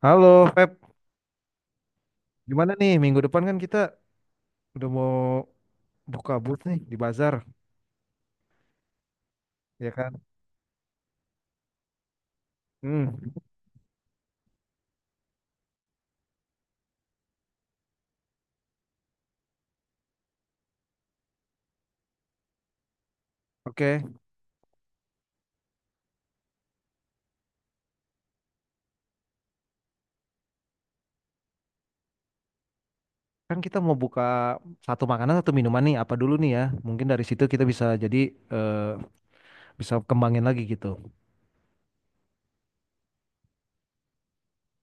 Halo, Feb. Gimana nih? Minggu depan kan kita udah mau buka booth nih di bazar, ya kan? Hmm. Oke. Kan kita mau buka satu makanan atau minuman nih, apa dulu nih ya? Mungkin dari situ kita bisa jadi eh, bisa kembangin lagi gitu.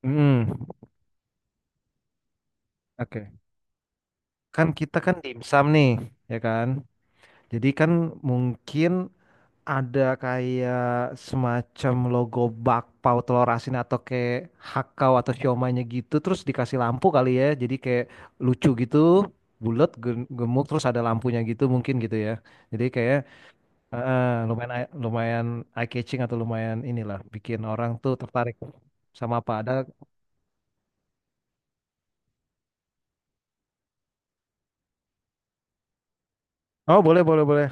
Hmm. Oke. Kan kita kan dimsum nih, ya kan? Jadi kan mungkin ada kayak semacam logo bakpao telur asin atau kayak hakau atau siomaynya gitu terus dikasih lampu kali ya, jadi kayak lucu gitu, bulat gemuk terus ada lampunya gitu mungkin gitu ya, jadi kayak eh, lumayan lumayan eye catching atau lumayan inilah bikin orang tuh tertarik sama apa ada. Oh, boleh boleh boleh.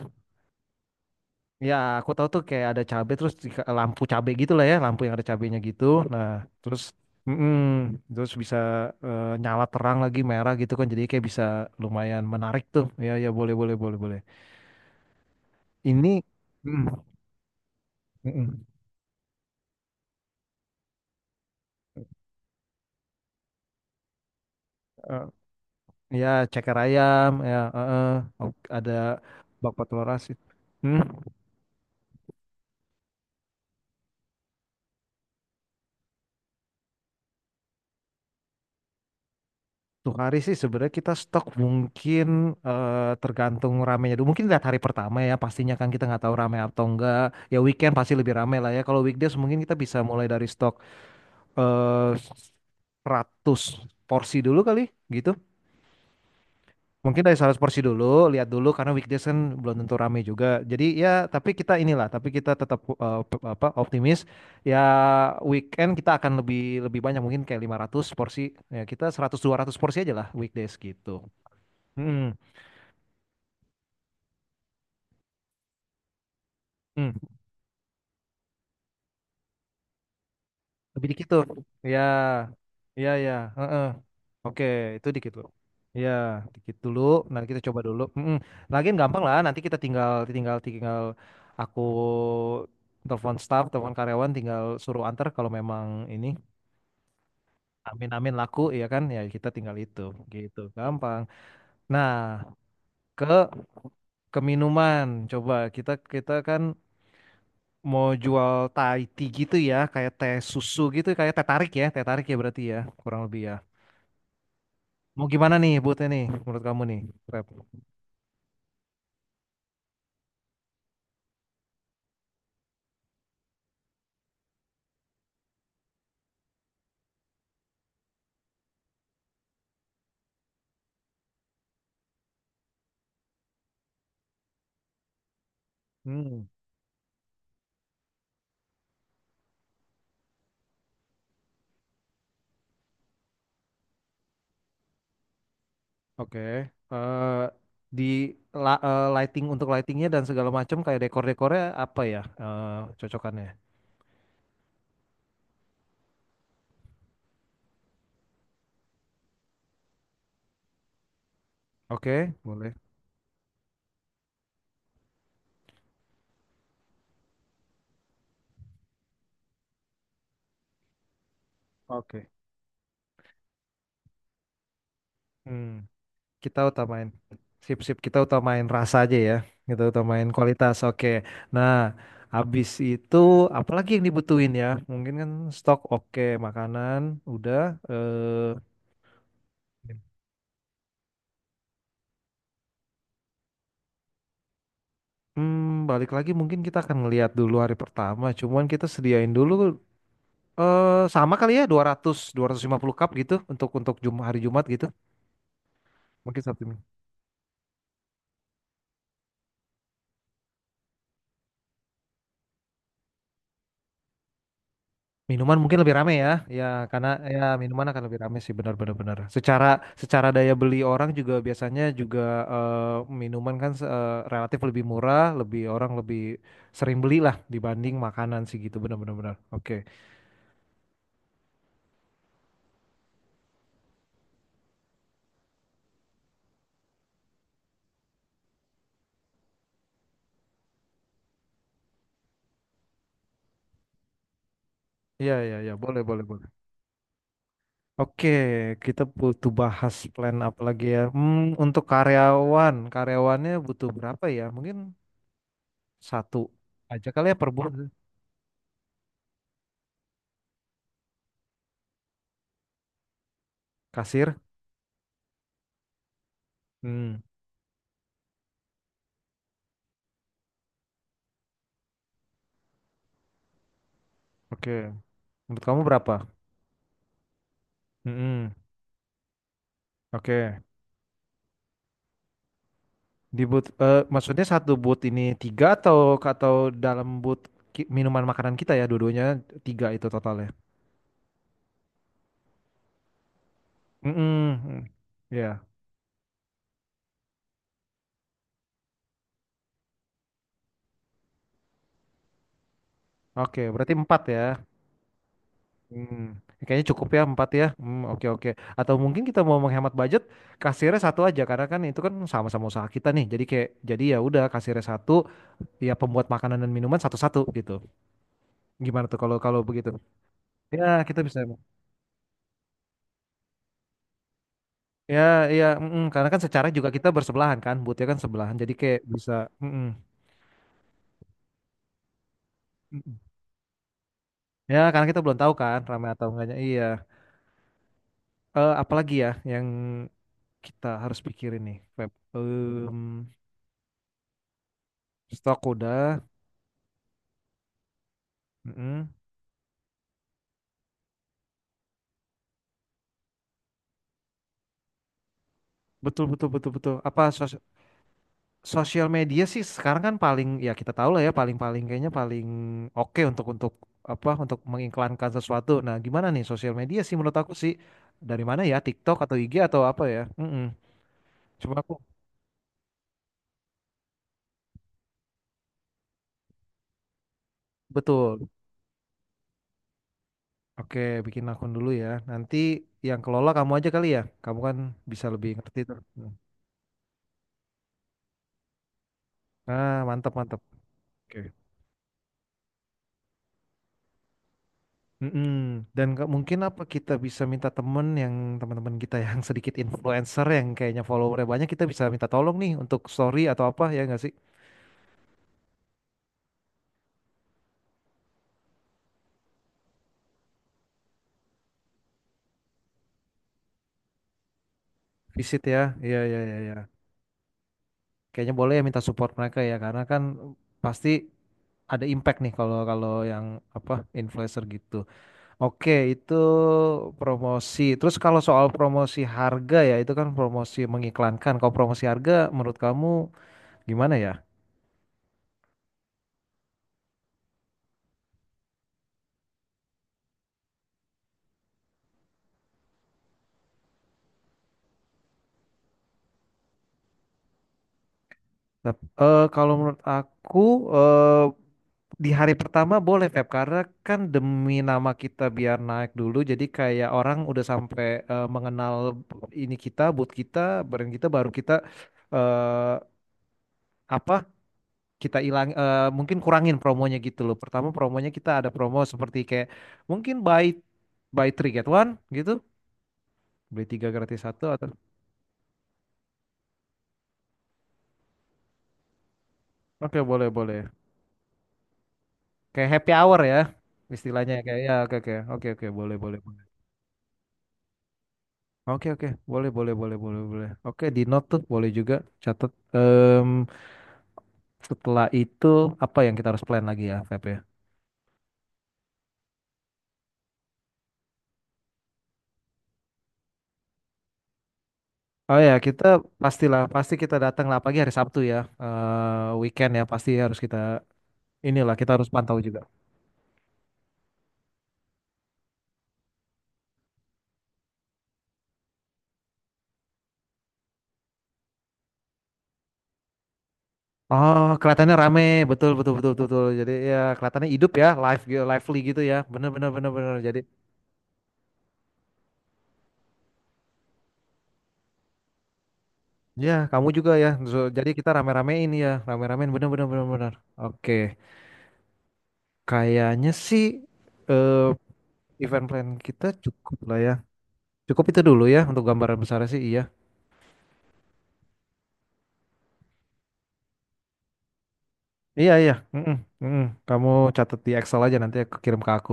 Ya, aku tahu tuh kayak ada cabe terus lampu cabe gitu lah ya, lampu yang ada cabenya gitu. Nah, terus mm-mm, terus bisa nyala terang lagi merah gitu kan, jadi kayak bisa lumayan menarik tuh. Ya ya, boleh boleh boleh boleh. Ini, mm, mm-mm. Eh, Ya, ceker ayam ya eh. Ok, ada bakpao telur asin. Hmm. Untuk hari sih sebenarnya kita stok mungkin tergantung ramenya dulu. Mungkin lihat hari pertama ya, pastinya kan kita nggak tahu rame atau enggak. Ya, weekend pasti lebih rame lah ya. Kalau weekdays mungkin kita bisa mulai dari stok eh 100 porsi dulu kali gitu. Mungkin dari 100 porsi dulu, lihat dulu karena weekdays kan belum tentu rame juga. Jadi ya tapi kita inilah, tapi kita tetap apa, optimis ya weekend kita akan lebih lebih banyak, mungkin kayak 500 porsi. Ya kita 100 200 porsi aja lah weekdays gitu. Hmm. Hmm, Lebih dikit tuh. Ya, ya, ya. Heeh. Oke, itu dikit dulu. Ya, dikit dulu. Nah, kita coba dulu. Mm-mm. Lagian gampang lah. Nanti kita tinggal, tinggal, tinggal. Aku telepon staff, telepon karyawan, tinggal suruh antar kalau memang ini. Amin, amin laku, ya kan? Ya, kita tinggal itu, gitu. Gampang. Nah, ke ke minuman. Coba kita kita kan mau jual Thai tea gitu ya, kayak teh susu gitu, kayak teh tarik ya berarti ya, kurang lebih ya. Mau gimana nih buatnya nih menurut kamu nih, Rep? Hmm, oke. Eh di lighting untuk lightingnya dan segala macam kayak dekor-dekornya apa ya, cocokannya? Oke, boleh. Oke. Hmm, Kita utamain. Sip, sip, kita utamain rasa aja ya. Kita utamain kualitas. Oke. Nah, habis itu apalagi yang dibutuhin ya? Mungkin kan stok oke, makanan udah. eh, Balik lagi mungkin kita akan ngelihat dulu hari pertama. Cuman kita sediain dulu sama kali ya dua 200, 250 cup gitu untuk hari Jumat gitu. Mungkin Sabtu Minggu. Minuman mungkin lebih rame ya. Ya, karena ya minuman akan lebih rame sih, benar-benar benar. Benar, benar. Secara secara daya beli orang juga biasanya juga, eh, minuman kan, relatif lebih murah, lebih orang lebih sering beli lah dibanding makanan sih gitu, benar-benar benar. Benar, benar. Oke. Iya, iya, iya, boleh boleh boleh. Oke, kita butuh bahas plan apa lagi ya? Untuk karyawannya butuh berapa ya? Mungkin satu aja kali ya per bulan. Kasir. Hmm, oke. Menurut kamu berapa? Hmm, oke. Di booth, maksudnya satu booth ini tiga atau atau dalam booth minuman makanan kita ya, dua-duanya tiga itu totalnya. Hmm, hmm, hmm. Ya. Oke, berarti empat ya. Hmm, Kayaknya cukup ya empat ya. Hmm, oke oke. Atau mungkin kita mau menghemat budget, kasirnya satu aja karena kan itu kan sama-sama usaha kita nih. Jadi kayak jadi ya udah kasirnya satu, ya pembuat makanan dan minuman satu-satu gitu. Gimana tuh kalau kalau begitu? Ya kita bisa. Ya ya, karena kan secara juga kita bersebelahan kan, butnya kan sebelahan. Jadi kayak bisa. Mm, mm. Ya karena kita belum tahu kan ramai atau enggaknya. Iya. Apalagi ya yang kita harus pikirin nih, Feb? Stok udah. Mm. Betul betul betul betul. Apa sosial media sih sekarang kan paling ya kita tahu lah ya paling-paling kayaknya paling oke untuk apa untuk mengiklankan sesuatu. Nah, gimana nih sosial media sih menurut aku sih dari mana ya, TikTok atau IG atau apa ya? Cuma aku betul. Oke, bikin akun dulu ya. Nanti yang kelola kamu aja kali ya. Kamu kan bisa lebih ngerti tuh. Nah. Ah, mantap mantap. Oke. Mm-mm. Dan nggak mungkin apa kita bisa minta temen yang teman-teman kita yang sedikit influencer yang kayaknya followernya banyak, kita bisa minta tolong nih untuk story atau apa ya nggak sih? Visit ya, iya iya iya iya, kayaknya boleh ya minta support mereka ya, karena kan pasti ada impact nih kalau kalau yang apa influencer gitu. Oke, itu promosi. Terus kalau soal promosi harga, ya itu kan promosi mengiklankan. Kalau promosi harga menurut kamu gimana ya? Kalau menurut aku, eh, di hari pertama boleh Feb, karena kan demi nama kita biar naik dulu, jadi kayak orang udah sampai mengenal ini kita, boot kita, brand kita, baru kita eh apa, kita hilang, mungkin kurangin promonya gitu loh. Pertama promonya kita ada promo seperti kayak mungkin buy buy three get one gitu, beli tiga gratis satu atau oke boleh boleh, kayak happy hour ya istilahnya kayak ya, oke oke oke oke, boleh boleh. Oke oke, boleh boleh boleh boleh boleh, oke, di note tuh boleh juga catat. Setelah itu apa yang kita harus plan lagi ya Feb ya? Oh ya, kita pastilah pasti kita datang lah pagi hari Sabtu ya. Weekend ya pasti harus kita inilah, kita harus pantau juga. Oh, kelihatannya rame betul betul betul betul, betul. Jadi ya kelihatannya hidup ya, live gitu, lively gitu ya, bener bener bener bener. Jadi ya kamu juga ya, so jadi kita rame-ramein ya rame-ramein, bener bener bener bener. Oke, kayaknya sih eh, event plan kita cukup lah ya. Cukup itu dulu ya untuk gambaran besarnya sih, iya. Iya iya. Mm-mm, mm-mm. Kamu catat di Excel aja, nanti aku kirim ke aku.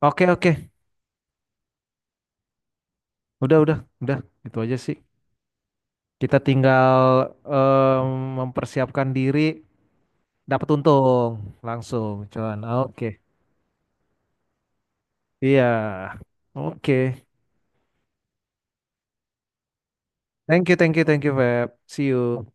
Oke oke. Udah udah. Itu aja sih. Kita tinggal, em, mempersiapkan diri dapat untung langsung, cuan. Oke. Iya. Oke. Thank you thank you thank you Feb. See you.